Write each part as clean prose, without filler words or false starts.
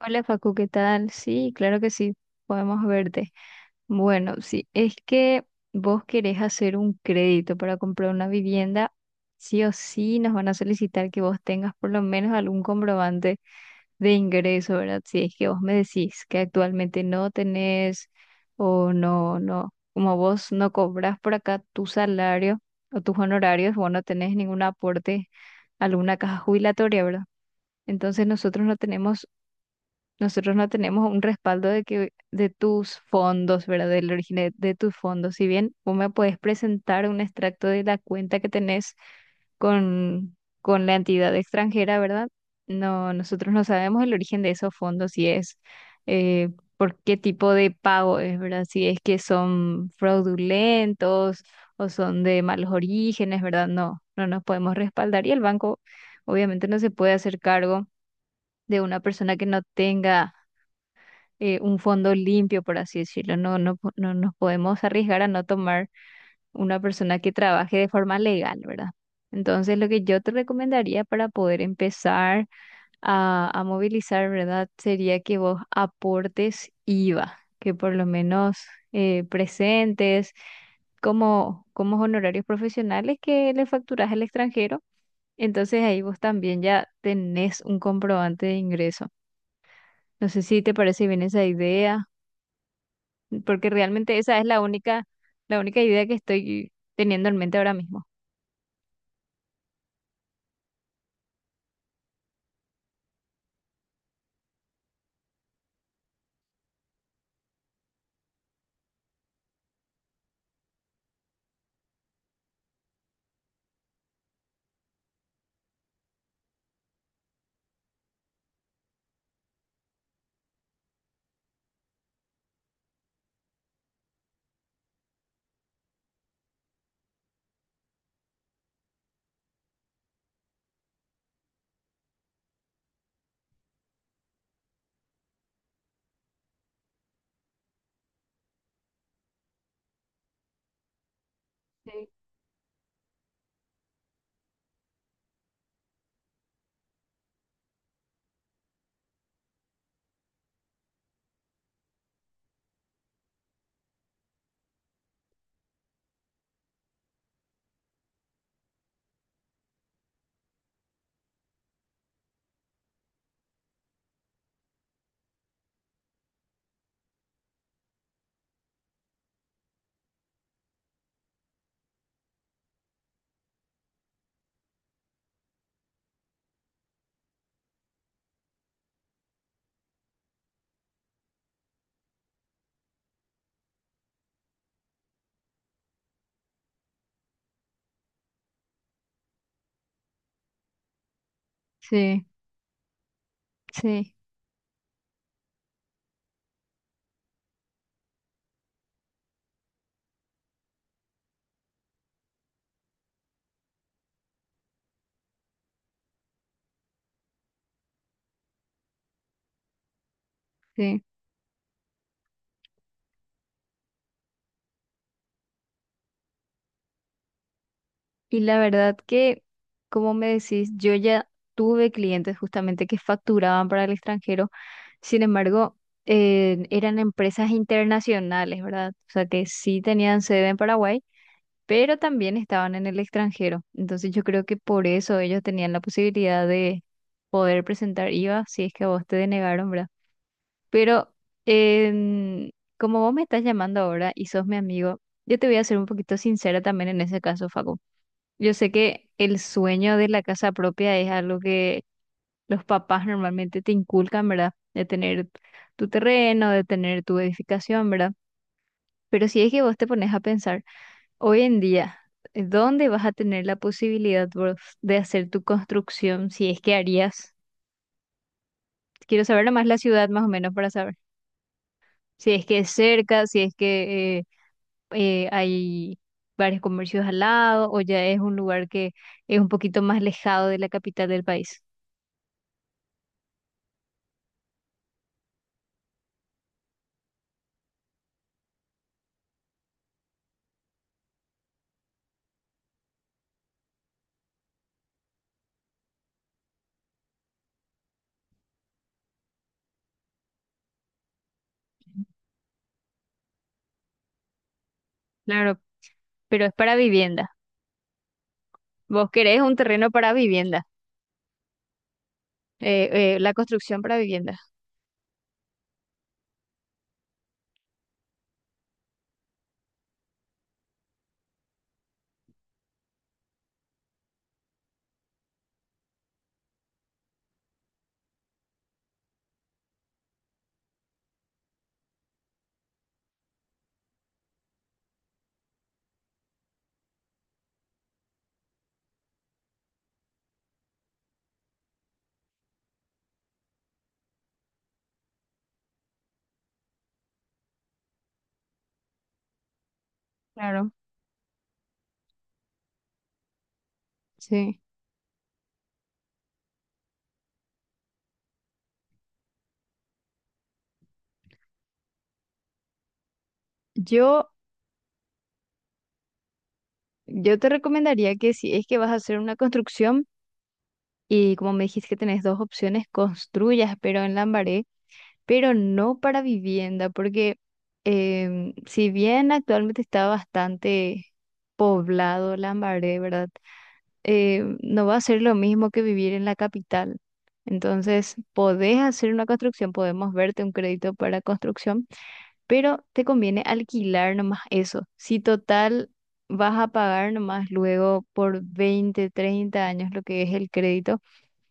Hola Facu, ¿qué tal? Sí, claro que sí, podemos verte. Bueno, sí, es que vos querés hacer un crédito para comprar una vivienda, sí o sí nos van a solicitar que vos tengas por lo menos algún comprobante de ingreso, ¿verdad? Si es que vos me decís que actualmente no tenés o no, no, como vos no cobras por acá tu salario o tus honorarios, vos no tenés ningún aporte a alguna caja jubilatoria, ¿verdad? Entonces nosotros no tenemos un respaldo de que de tus fondos, ¿verdad? Del origen de tus fondos. Si bien vos me puedes presentar un extracto de la cuenta que tenés con, con la entidad extranjera, ¿verdad? No, nosotros no sabemos el origen de esos fondos, si es eh, por qué tipo de pago es, ¿verdad? Si es que son fraudulentos o son de malos orígenes, ¿verdad? No, no nos podemos respaldar y el banco obviamente no se puede hacer cargo de una persona que no tenga un fondo limpio, por así decirlo. No, no, no nos podemos arriesgar a no tomar una persona que trabaje de forma legal, ¿verdad? Entonces, lo que yo te recomendaría para poder empezar a movilizar, ¿verdad? Sería que vos aportes IVA, que por lo menos presentes como, como honorarios profesionales que le facturas al extranjero. Entonces ahí vos también ya tenés un comprobante de ingreso. No sé si te parece bien esa idea. Porque realmente esa es la única idea que estoy teniendo en mente ahora mismo. Sí. Sí, sí, sí. Y la verdad que, como me decís, yo ya tuve clientes justamente que facturaban para el extranjero, sin embargo, eran empresas internacionales, ¿verdad? O sea, que sí tenían sede en Paraguay, pero también estaban en el extranjero. Entonces yo creo que por eso ellos tenían la posibilidad de poder presentar IVA si es que a vos te denegaron, ¿verdad? Pero em, como vos me estás llamando ahora y sos mi amigo, yo te voy a ser un poquito sincera también en ese caso, Facu. Yo sé que el sueño de la casa propia es algo que los papás normalmente te inculcan, ¿verdad? De tener tu terreno, de tener tu edificación, ¿verdad? Pero si es que vos te pones a pensar, hoy en día, ¿dónde vas a tener la posibilidad vos de hacer tu construcción si es que harías? Quiero saber nomás la ciudad más o menos para saber. Si es que es cerca, si es que... hay varios comercios al lado o ya es un lugar que es un poquito más alejado de la capital del país. Claro, pero es para vivienda. Vos querés un terreno para vivienda, la construcción para vivienda. Claro, sí. Yo, yo te recomendaría que si es que vas a hacer una construcción y como me dijiste que tenés dos opciones, construyas, pero en Lambaré, pero no para vivienda, porque si bien actualmente está bastante poblado Lambaré, ¿verdad? No va a ser lo mismo que vivir en la capital. Entonces, podés hacer una construcción, podemos verte un crédito para construcción, pero te conviene alquilar nomás eso. Si total vas a pagar nomás luego por 20 30 años lo que es el crédito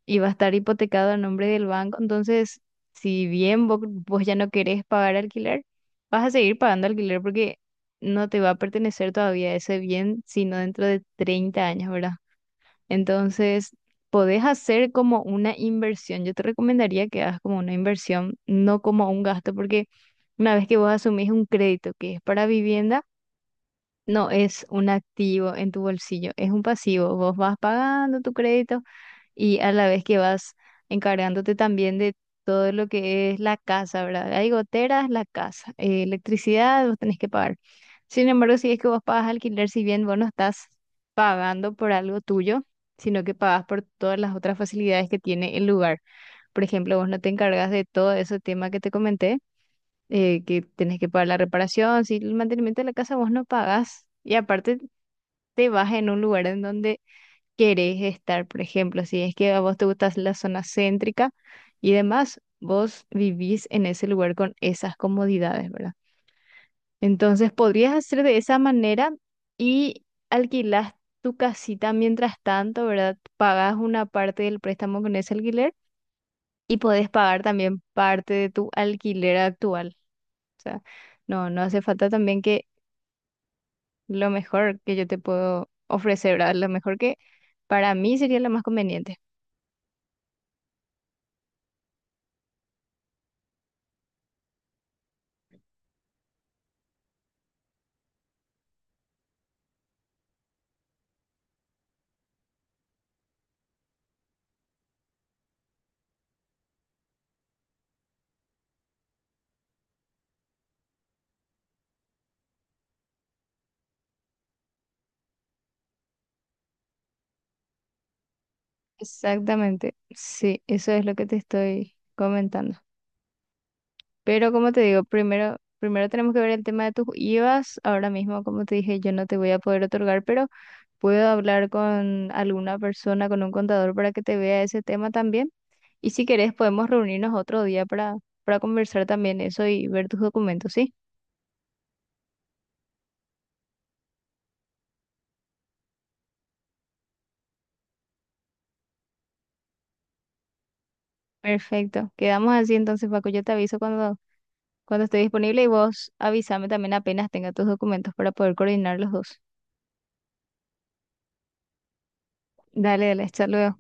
y va a estar hipotecado a nombre del banco. Entonces, si bien vos, ya no querés pagar alquiler, vas a seguir pagando alquiler porque no te va a pertenecer todavía ese bien, sino dentro de 30 años, ¿verdad? Entonces, podés hacer como una inversión. Yo te recomendaría que hagas como una inversión, no como un gasto, porque una vez que vos asumís un crédito que es para vivienda, no es un activo en tu bolsillo, es un pasivo. Vos vas pagando tu crédito y a la vez que vas encargándote también de todo lo que es la casa, ¿verdad? Hay goteras, la casa, electricidad, vos tenés que pagar. Sin embargo, si es que vos pagas alquiler, si bien vos no estás pagando por algo tuyo, sino que pagas por todas las otras facilidades que tiene el lugar. Por ejemplo, vos no te encargas de todo ese tema que te comenté, que tenés que pagar la reparación, si el mantenimiento de la casa vos no pagás. Y aparte te vas en un lugar en donde querés estar, por ejemplo, si es que a vos te gusta la zona céntrica y demás, vos vivís en ese lugar con esas comodidades, ¿verdad? Entonces podrías hacer de esa manera y alquilás tu casita mientras tanto, ¿verdad? Pagás una parte del préstamo con ese alquiler y podés pagar también parte de tu alquiler actual. O sea, no, no hace falta también que lo mejor que yo te puedo ofrecer, ¿verdad? Lo mejor que para mí sería lo más conveniente. Exactamente, sí, eso es lo que te estoy comentando. Pero como te digo, primero, primero tenemos que ver el tema de tus IVAs. Ahora mismo, como te dije, yo no te voy a poder otorgar, pero puedo hablar con alguna persona, con un contador para que te vea ese tema también. Y si querés, podemos reunirnos otro día para conversar también eso y ver tus documentos, ¿sí? Perfecto. Quedamos así entonces, Paco. Yo te aviso cuando, cuando esté disponible y vos avísame también apenas tenga tus documentos para poder coordinar los dos. Dale, dale, hasta luego.